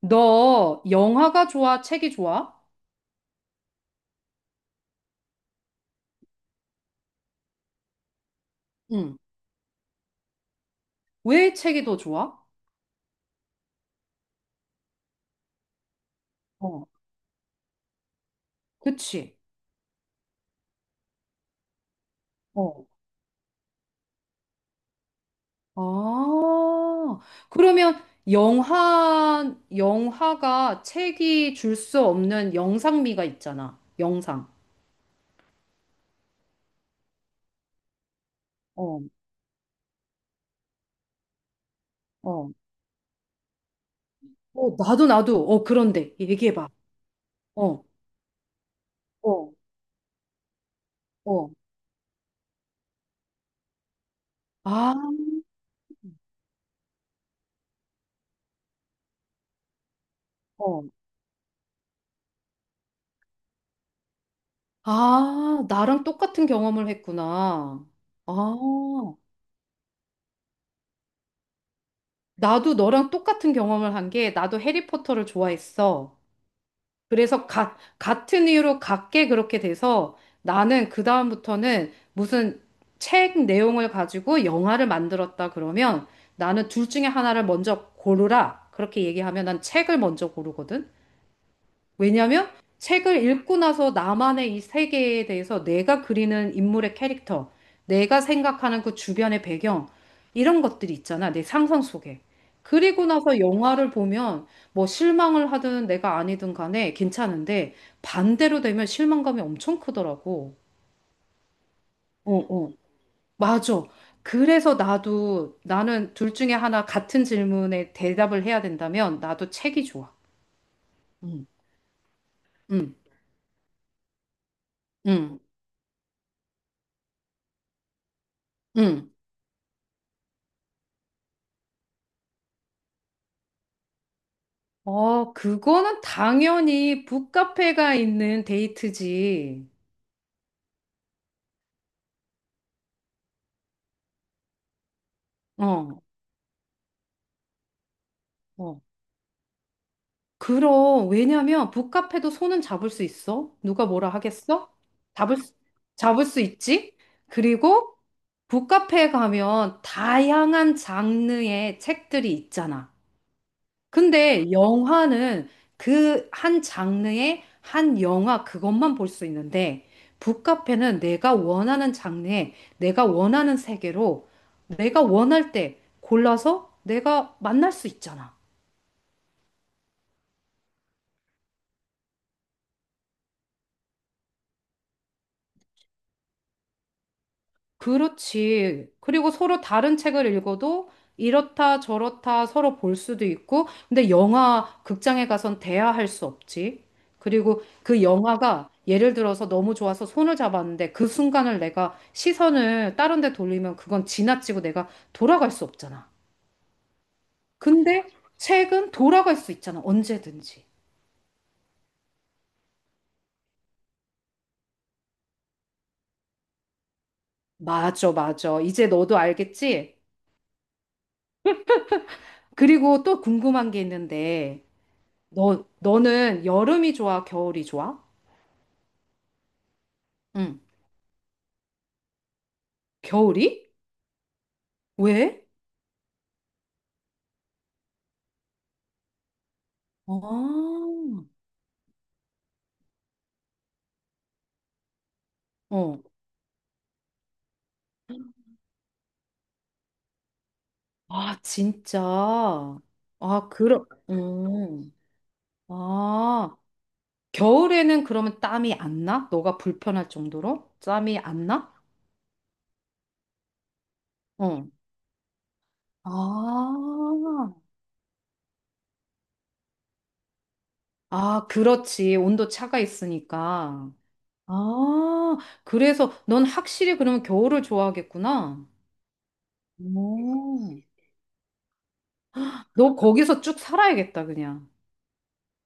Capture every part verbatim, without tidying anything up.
너 영화가 좋아? 책이 좋아? 응. 왜 책이 더 좋아? 어, 그치? 어. 아, 그러면 영화, 영화가 책이 줄 수 없는 영상미가 있잖아. 영상. 어, 어, 어, 나도, 나도. 어, 그런데. 얘기해봐. 어. 어, 어, 아, 어. 아, 나랑 똑같은 경험을 했구나. 아, 나도 너랑 똑같은 경험을 한 게 나도 해리포터를 좋아했어. 그래서 가, 같은 이유로 같게 그렇게 돼서 나는 그다음부터는 무슨 책 내용을 가지고 영화를 만들었다 그러면 나는 둘 중에 하나를 먼저 고르라. 그렇게 얘기하면 난 책을 먼저 고르거든. 왜냐면 책을 읽고 나서 나만의 이 세계에 대해서 내가 그리는 인물의 캐릭터, 내가 생각하는 그 주변의 배경, 이런 것들이 있잖아. 내 상상 속에. 그리고 나서 영화를 보면 뭐 실망을 하든 내가 아니든 간에 괜찮은데 반대로 되면 실망감이 엄청 크더라고. 어, 어. 맞아. 그래서 나도 나는 둘 중에 하나 같은 질문에 대답을 해야 된다면 나도 책이 좋아. 응, 응, 응. 어, 그거는 당연히 북카페가 있는 데이트지. 어, 어. 그럼, 왜냐면 북카페도 손은 잡을 수 있어. 누가 뭐라 하겠어? 잡을 수, 잡을 수 있지. 그리고 북카페에 가면 다양한 장르의 책들이 있잖아. 근데 영화는 그 한 장르의 한 영화 그것만 볼 수 있는데 북카페는 내가 원하는 장르에 내가 원하는 세계로 내가 원할 때 골라서 내가 만날 수 있잖아. 그렇지. 그리고 서로 다른 책을 읽어도 이렇다 저렇다 서로 볼 수도 있고, 근데 영화 극장에 가선 대화할 수 없지. 그리고 그 영화가 예를 들어서 너무 좋아서 손을 잡았는데 그 순간을 내가 시선을 다른 데 돌리면 그건 지나치고 내가 돌아갈 수 없잖아. 근데 책은 돌아갈 수 있잖아. 언제든지. 맞아, 맞아. 이제 너도 알겠지? 그리고 또 궁금한 게 있는데, 너, 너는 여름이 좋아, 겨울이 좋아? 응. 겨울이? 왜? 아, 어. 아, 진짜. 아, 그럼, 음. 아, 겨울에는 그러면 땀이 안 나? 너가 불편할 정도로? 땀이 안 나? 어. 아, 아, 그렇지. 온도 차가 있으니까. 아, 그래서 넌 확실히 그러면 겨울을 좋아하겠구나. 오. 너 거기서 쭉 살아야겠다, 그냥.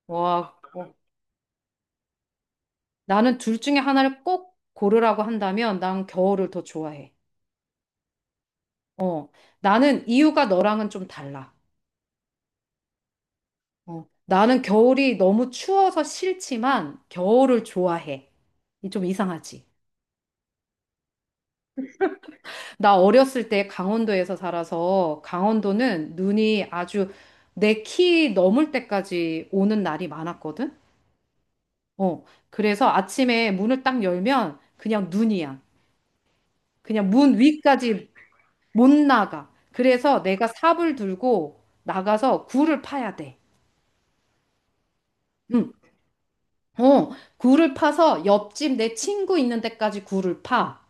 와, 어. 나는 둘 중에 하나를 꼭 고르라고 한다면 난 겨울을 더 좋아해. 어, 나는 이유가 너랑은 좀 달라. 어, 나는 겨울이 너무 추워서 싫지만 겨울을 좋아해. 이좀 이상하지. 나 어렸을 때 강원도에서 살아서 강원도는 눈이 아주 내 키 넘을 때까지 오는 날이 많았거든. 어, 그래서 아침에 문을 딱 열면 그냥 눈이야. 그냥 문 위까지 못 나가. 그래서 내가 삽을 들고 나가서 굴을 파야 돼. 응. 어, 굴을 파서 옆집 내 친구 있는 데까지 굴을 파.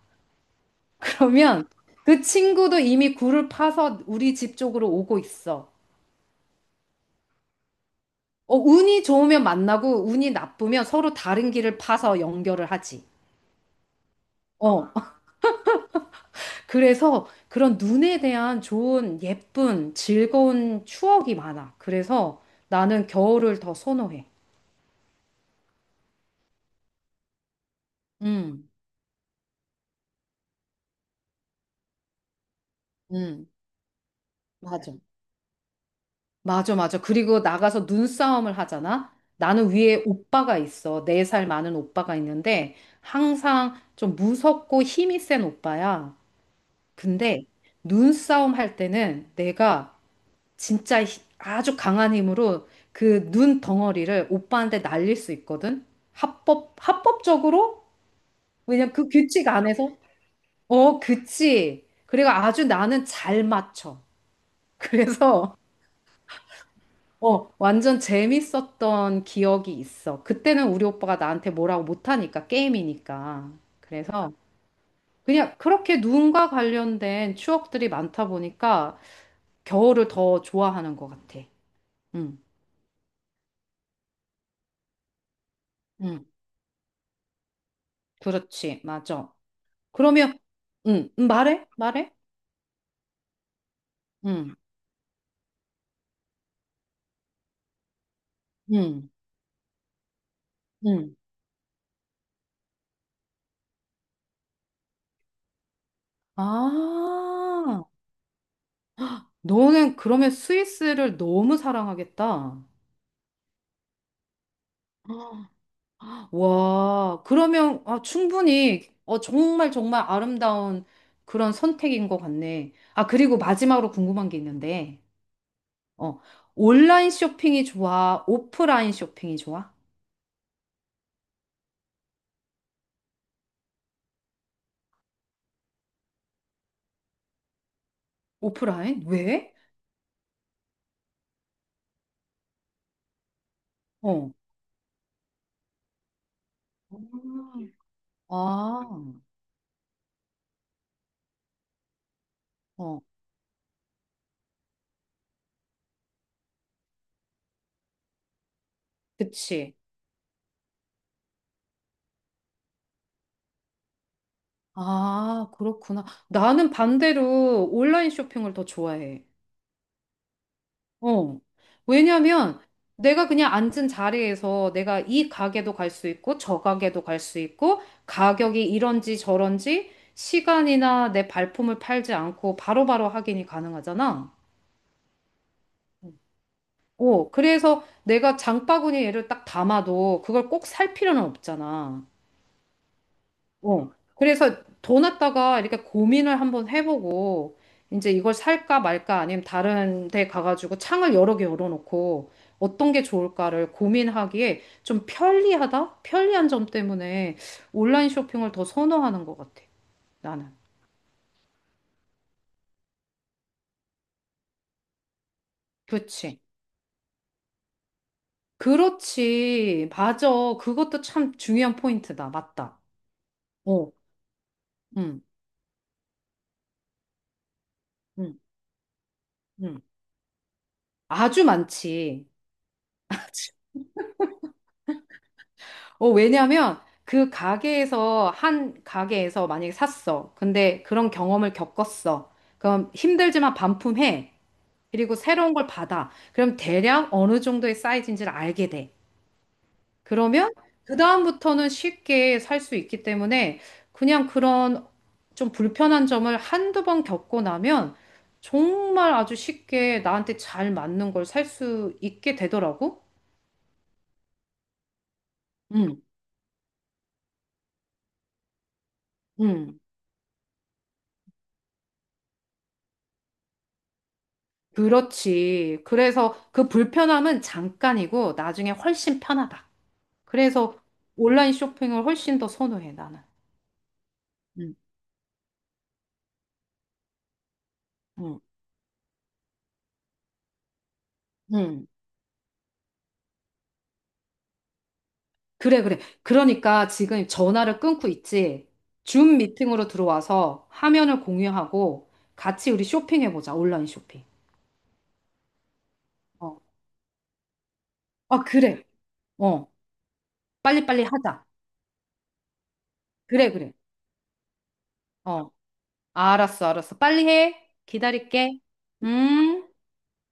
그러면 그 친구도 이미 굴을 파서 우리 집 쪽으로 오고 있어. 어, 운이 좋으면 만나고 운이 나쁘면 서로 다른 길을 파서 연결을 하지. 어, 그래서 그런 눈에 대한 좋은, 예쁜, 즐거운 추억이 많아. 그래서 나는 겨울을 더 선호해. 음, 음, 맞아. 맞아, 맞아. 그리고 나가서 눈싸움을 하잖아? 나는 위에 오빠가 있어. 네 살 많은 오빠가 있는데, 항상 좀 무섭고 힘이 센 오빠야. 근데 눈싸움 할 때는 내가 진짜 히- 아주 강한 힘으로 그 눈 덩어리를 오빠한테 날릴 수 있거든? 합법, 합법적으로? 왜냐면 그 규칙 안에서? 어, 그치. 그리고 아주 나는 잘 맞춰. 그래서 어, 완전 재밌었던 기억이 있어. 그때는 우리 오빠가 나한테 뭐라고 못하니까, 게임이니까. 그래서 그냥 그렇게 눈과 관련된 추억들이 많다 보니까 겨울을 더 좋아하는 것 같아. 응, 응, 그렇지, 맞아. 그러면, 응, 응, 말해, 말해. 응, 응, 응. 아, 너는 그러면 스위스를 너무 사랑하겠다. 와, 그러면 아, 충분히 어, 정말 정말 아름다운 그런 선택인 것 같네. 아, 그리고 마지막으로 궁금한 게 있는데, 어, 온라인 쇼핑이 좋아? 오프라인 쇼핑이 좋아? 오프라인? 왜? 어, 음. 아, 어, 그치. 아, 그렇구나. 나는 반대로 온라인 쇼핑을 더 좋아해. 어. 왜냐면 내가 그냥 앉은 자리에서 내가 이 가게도 갈 수 있고 저 가게도 갈 수 있고 가격이 이런지 저런지 시간이나 내 발품을 팔지 않고 바로바로 확인이 가능하잖아. 어, 그래서 내가 장바구니에를 딱 담아도 그걸 꼭 살 필요는 없잖아. 어. 그래서 돈 갖다가 이렇게 고민을 한번 해보고, 이제 이걸 살까 말까 아니면 다른 데 가가지고 창을 여러 개 열어놓고 어떤 게 좋을까를 고민하기에 좀 편리하다? 편리한 점 때문에 온라인 쇼핑을 더 선호하는 것 같아, 나는. 그렇지. 그렇지. 맞아. 그것도 참 중요한 포인트다. 맞다. 어, 응, 응, 응. 아주 많지. 어, 왜냐면 그 가게에서 한 가게에서 만약에 샀어. 근데 그런 경험을 겪었어. 그럼 힘들지만 반품해. 그리고 새로운 걸 받아. 그럼 대략 어느 정도의 사이즈인지를 알게 돼. 그러면 그다음부터는 쉽게 살 수 있기 때문에 그냥 그런 좀 불편한 점을 한두 번 겪고 나면 정말 아주 쉽게 나한테 잘 맞는 걸 살 수 있게 되더라고. 응, 응. 그렇지. 그래서 그 불편함은 잠깐이고 나중에 훨씬 편하다. 그래서 온라인 쇼핑을 훨씬 더 선호해, 나는. 응, 응, 응. 그래, 그래. 그러니까 지금 전화를 끊고 있지. 줌 미팅으로 들어와서 화면을 공유하고 같이 우리 쇼핑해보자, 온라인 쇼핑. 어, 아, 그래. 어, 빨리빨리 하자. 그래, 그래. 어, 알았어, 알았어. 빨리 해. 기다릴게. 음.